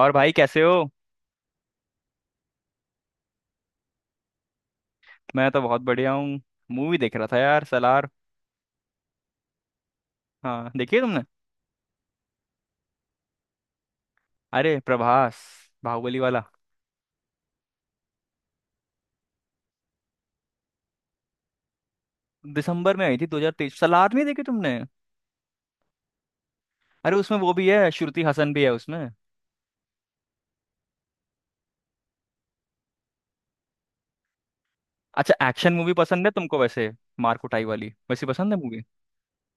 और भाई कैसे हो? मैं तो बहुत बढ़िया हूँ। मूवी देख रहा था यार, सलार। हाँ, देखी है तुमने? अरे प्रभास। बाहुबली वाला। दिसंबर में आई थी 2023। सलार नहीं देखी तुमने? अरे उसमें वो भी है, श्रुति हसन भी है उसमें। अच्छा, एक्शन मूवी पसंद है तुमको वैसे? मार कुटाई वाली वैसी पसंद है मूवी?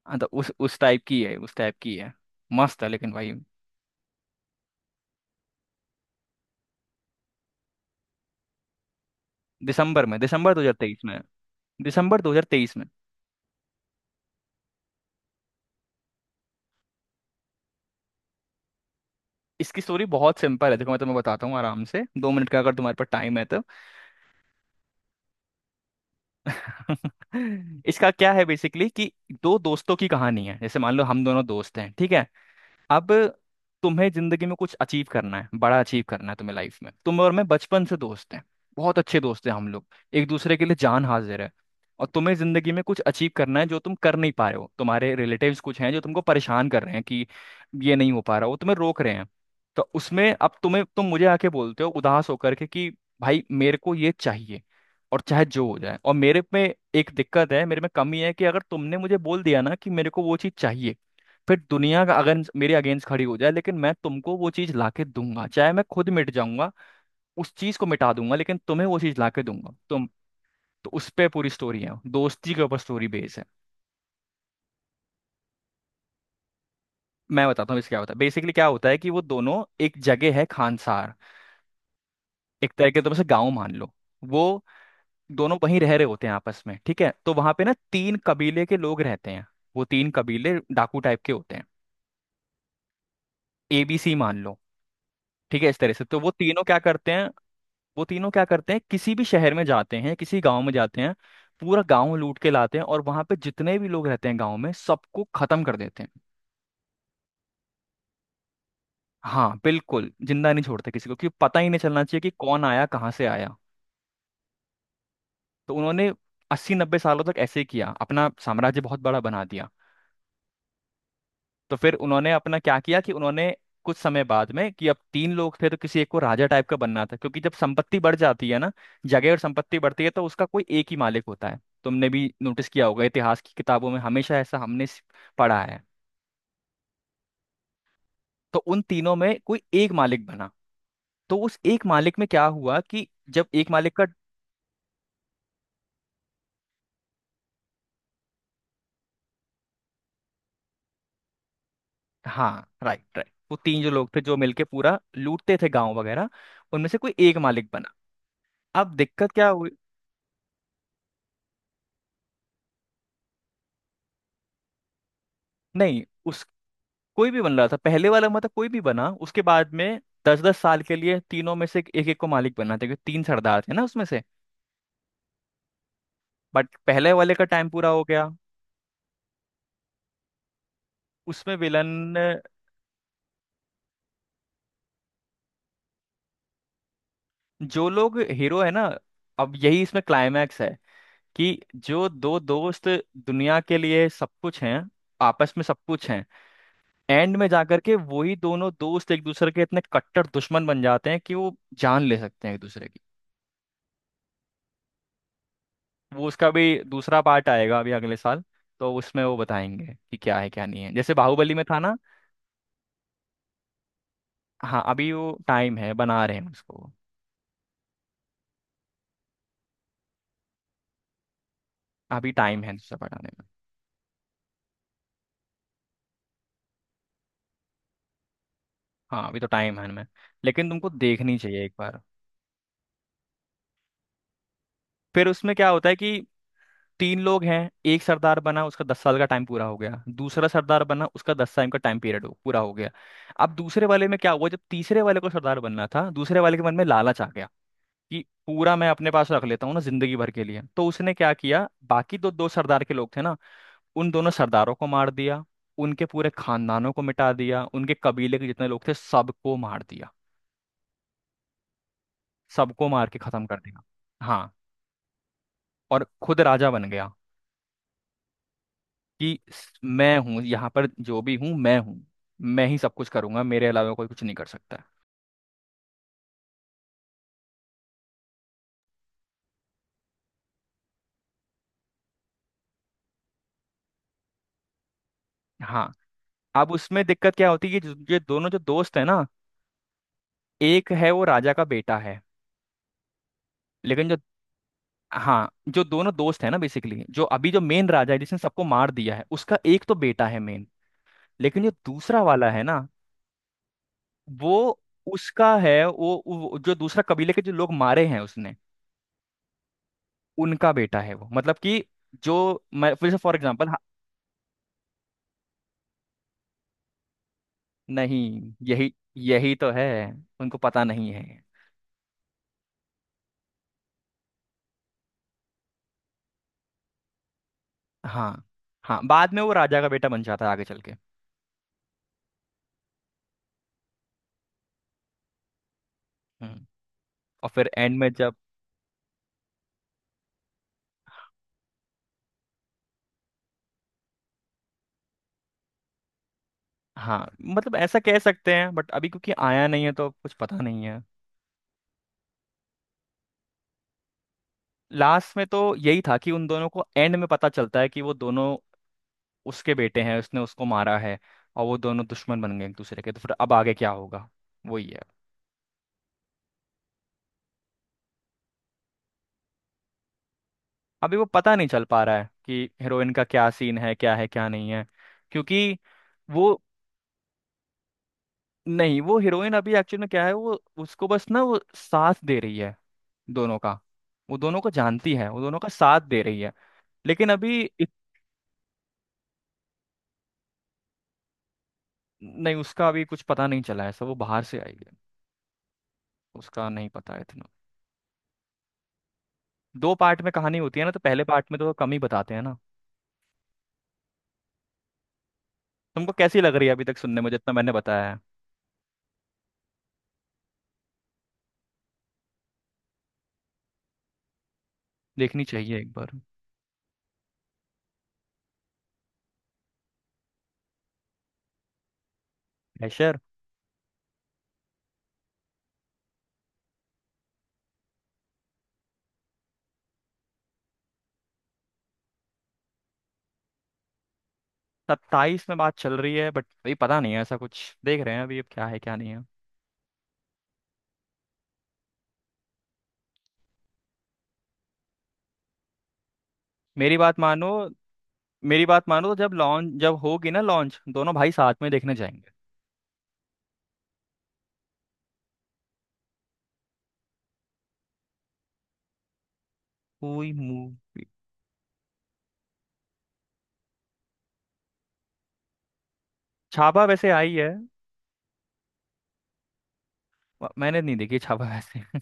हाँ तो उस टाइप की है, उस टाइप की है। मस्त है लेकिन भाई। दिसंबर में, दिसंबर 2023 में। दिसंबर 2023 में। इसकी स्टोरी बहुत सिंपल है। देखो मैं तुम्हें बताता हूँ आराम से, 2 मिनट का अगर तुम्हारे पास टाइम है तो। इसका क्या है, बेसिकली कि दो दोस्तों की कहानी है। जैसे मान लो हम दोनों दोस्त हैं, ठीक है। अब तुम्हें जिंदगी में कुछ अचीव करना है, बड़ा अचीव करना है तुम्हें लाइफ में। तुम और मैं बचपन से दोस्त हैं, बहुत अच्छे दोस्त हैं हम लोग। एक दूसरे के लिए जान हाजिर है। और तुम्हें जिंदगी में कुछ अचीव करना है जो तुम कर नहीं पा रहे हो, तुम्हारे रिलेटिव्स कुछ हैं जो तुमको परेशान कर रहे हैं कि ये नहीं हो पा रहा, वो तुम्हें रोक रहे हैं। तो उसमें अब तुम मुझे आके बोलते हो उदास होकर के कि भाई मेरे को ये चाहिए और चाहे जो हो जाए। और मेरे में एक दिक्कत है, मेरे में कमी है कि अगर तुमने मुझे बोल दिया ना कि मेरे को वो चीज़ चाहिए, फिर दुनिया का अगर मेरे अगेंस्ट खड़ी हो जाए लेकिन मैं तुमको वो चीज लाके दूंगा, चाहे मैं खुद मिट जाऊंगा, उस चीज को मिटा दूंगा लेकिन तुम्हें वो चीज लाके दूंगा तुम। तो उस पे पूरी स्टोरी है, दोस्ती के ऊपर स्टोरी बेस है। मैं बताता हूँ इसका क्या होता है, बेसिकली क्या होता है कि वो दोनों एक जगह है, खानसार। एक तरह के तुम उसे गाँव मान लो। वो दोनों वहीं रह रहे होते हैं आपस में, ठीक है। तो वहां पे ना तीन कबीले के लोग रहते हैं। वो तीन कबीले डाकू टाइप के होते हैं। एबीसी मान लो, ठीक है, इस तरह से। तो वो तीनों क्या करते हैं, वो तीनों क्या करते हैं? किसी भी शहर में जाते हैं, किसी गांव में जाते हैं। पूरा गांव लूट के लाते हैं और वहां पे जितने भी लोग रहते हैं गांव में, सबको खत्म कर देते हैं। हाँ बिल्कुल, जिंदा नहीं छोड़ते किसी को, क्योंकि पता ही नहीं चलना चाहिए कि कौन आया, कहाँ से आया। तो उन्होंने 80-90 सालों तक ऐसे ही किया, अपना साम्राज्य बहुत बड़ा बना दिया। तो फिर उन्होंने अपना क्या किया कि उन्होंने कुछ समय बाद में, कि अब तीन लोग थे तो किसी एक को राजा टाइप का बनना था, क्योंकि जब संपत्ति बढ़ जाती है ना, जगह और संपत्ति बढ़ती है तो उसका कोई एक ही मालिक होता है। तुमने भी नोटिस किया होगा इतिहास की किताबों में, हमेशा ऐसा हमने पढ़ा है। तो उन तीनों में कोई एक मालिक बना। तो उस एक मालिक में क्या हुआ कि जब एक मालिक का, हाँ राइट राइट, वो तीन जो लोग थे जो मिलके पूरा लूटते थे गांव वगैरह। उनमें से कोई एक मालिक बना। अब दिक्कत क्या हुई? नहीं, कोई भी बन रहा था पहले वाला, मतलब कोई भी बना उसके बाद में। 10-10 साल के लिए तीनों में से एक एक को मालिक बनना था, क्योंकि तीन सरदार थे ना उसमें से। बट पहले वाले का टाइम पूरा हो गया। उसमें विलन, जो लोग हीरो है ना, अब यही इसमें क्लाइमैक्स है कि जो दो दोस्त दुनिया के लिए सब कुछ हैं, आपस में सब कुछ हैं, एंड में जाकर के वही दोनों दोस्त एक दूसरे के इतने कट्टर दुश्मन बन जाते हैं कि वो जान ले सकते हैं एक दूसरे की। वो उसका भी दूसरा पार्ट आएगा अभी अगले साल। तो उसमें वो बताएंगे कि क्या है क्या नहीं है, जैसे बाहुबली में था ना। हाँ अभी वो टाइम है, बना रहे हैं उसको। अभी टाइम है दूसरा बनाने में। हाँ अभी तो टाइम है इनमें। लेकिन तुमको देखनी चाहिए एक बार। फिर उसमें क्या होता है कि तीन लोग हैं। एक सरदार बना, उसका 10 साल का टाइम पूरा हो गया, दूसरा सरदार बना उसका दस टाइम का टाइम पीरियड हो पूरा हो गया। अब दूसरे वाले में क्या हुआ, जब तीसरे वाले को सरदार बनना था, दूसरे वाले के मन में लालच आ गया कि पूरा मैं अपने पास रख लेता हूँ ना जिंदगी भर के लिए। तो उसने क्या किया, बाकी दो दो सरदार के लोग थे ना, उन दोनों सरदारों को मार दिया, उनके पूरे खानदानों को मिटा दिया, उनके कबीले के जितने लोग थे सबको मार दिया। सबको मार के खत्म कर दिया। हाँ, और खुद राजा बन गया। कि मैं हूँ यहाँ पर, जो भी हूँ मैं हूँ। मैं ही सब कुछ करूंगा, मेरे अलावा कोई कुछ नहीं कर सकता। हाँ। अब उसमें दिक्कत क्या होती है, ये ये दोनों जो दोस्त है ना, एक है वो राजा का बेटा है। लेकिन जो, हाँ, जो दोनों दोस्त है ना बेसिकली, जो अभी जो मेन राजा है जिसने सबको मार दिया है, उसका एक तो बेटा है मेन। लेकिन जो दूसरा वाला है ना, वो उसका है वो, जो दूसरा कबीले के जो लोग मारे हैं उसने, उनका बेटा है वो, मतलब कि जो, मैं फिर से फॉर एग्जाम्पल, नहीं यही यही तो है। उनको पता नहीं है। हाँ हाँ, बाद में वो राजा का बेटा बन जाता है आगे चल के। हम्म। और फिर एंड में जब, हाँ मतलब ऐसा कह सकते हैं, बट अभी क्योंकि आया नहीं है तो कुछ पता नहीं। लास्ट में तो यही था कि उन दोनों को एंड में पता चलता है कि वो दोनों उसके बेटे हैं, उसने उसको मारा है, और वो दोनों दुश्मन बन गए एक दूसरे के। तो फिर अब आगे क्या होगा, वही है। अभी वो पता नहीं चल पा रहा है कि हीरोइन का क्या सीन है, क्या है क्या नहीं है, क्योंकि वो, नहीं वो हीरोइन अभी एक्चुअल में क्या है वो, उसको बस ना वो साथ दे रही है दोनों का। वो दोनों को जानती है, वो दोनों का साथ दे रही है। लेकिन अभी नहीं उसका अभी कुछ पता नहीं चला है, सब वो बाहर से आई है। उसका नहीं पता है इतना। दो पार्ट में कहानी होती है ना, तो पहले पार्ट में तो कम ही बताते हैं ना। तुमको कैसी लग रही है अभी तक, सुनने में जितना मैंने बताया है? देखनी चाहिए एक बार। प्रेशर। 27 में बात चल रही है, बट अभी पता नहीं है, ऐसा कुछ देख रहे हैं अभी, अब क्या है क्या नहीं है। मेरी बात मानो। मेरी बात मानो, तो जब लॉन्च जब होगी ना लॉन्च, दोनों भाई साथ में देखने जाएंगे। कोई मूवी, छापा वैसे आई है। मैंने नहीं देखी छापा वैसे।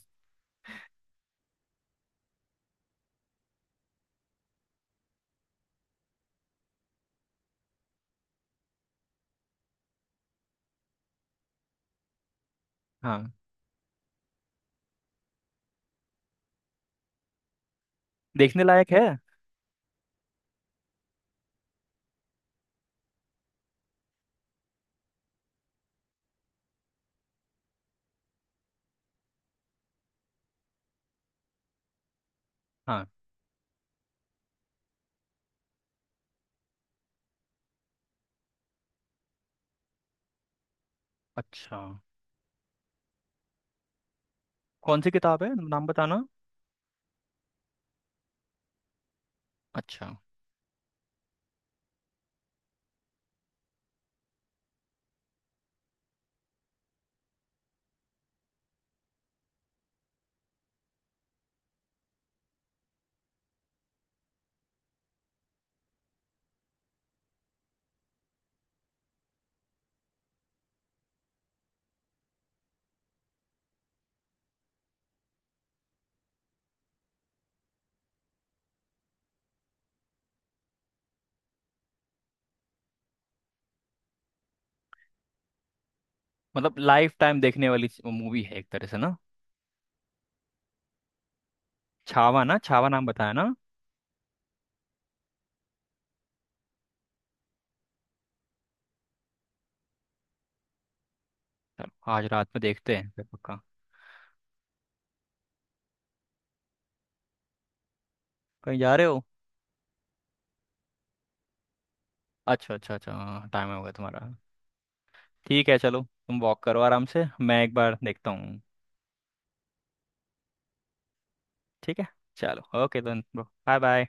हाँ। देखने लायक है। हाँ। अच्छा, कौन सी किताब है, नाम बताना। अच्छा। मतलब लाइफ टाइम देखने वाली मूवी है एक तरह से ना। छावा ना? छावा नाम बताया ना? चलो आज रात में देखते हैं फिर पक्का। कहीं जा रहे हो? अच्छा अच्छा अच्छा, हाँ टाइम हो गया तुम्हारा। ठीक है चलो, तुम वॉक करो आराम से, मैं एक बार देखता हूँ। ठीक है चलो, okay then bro, bye bye.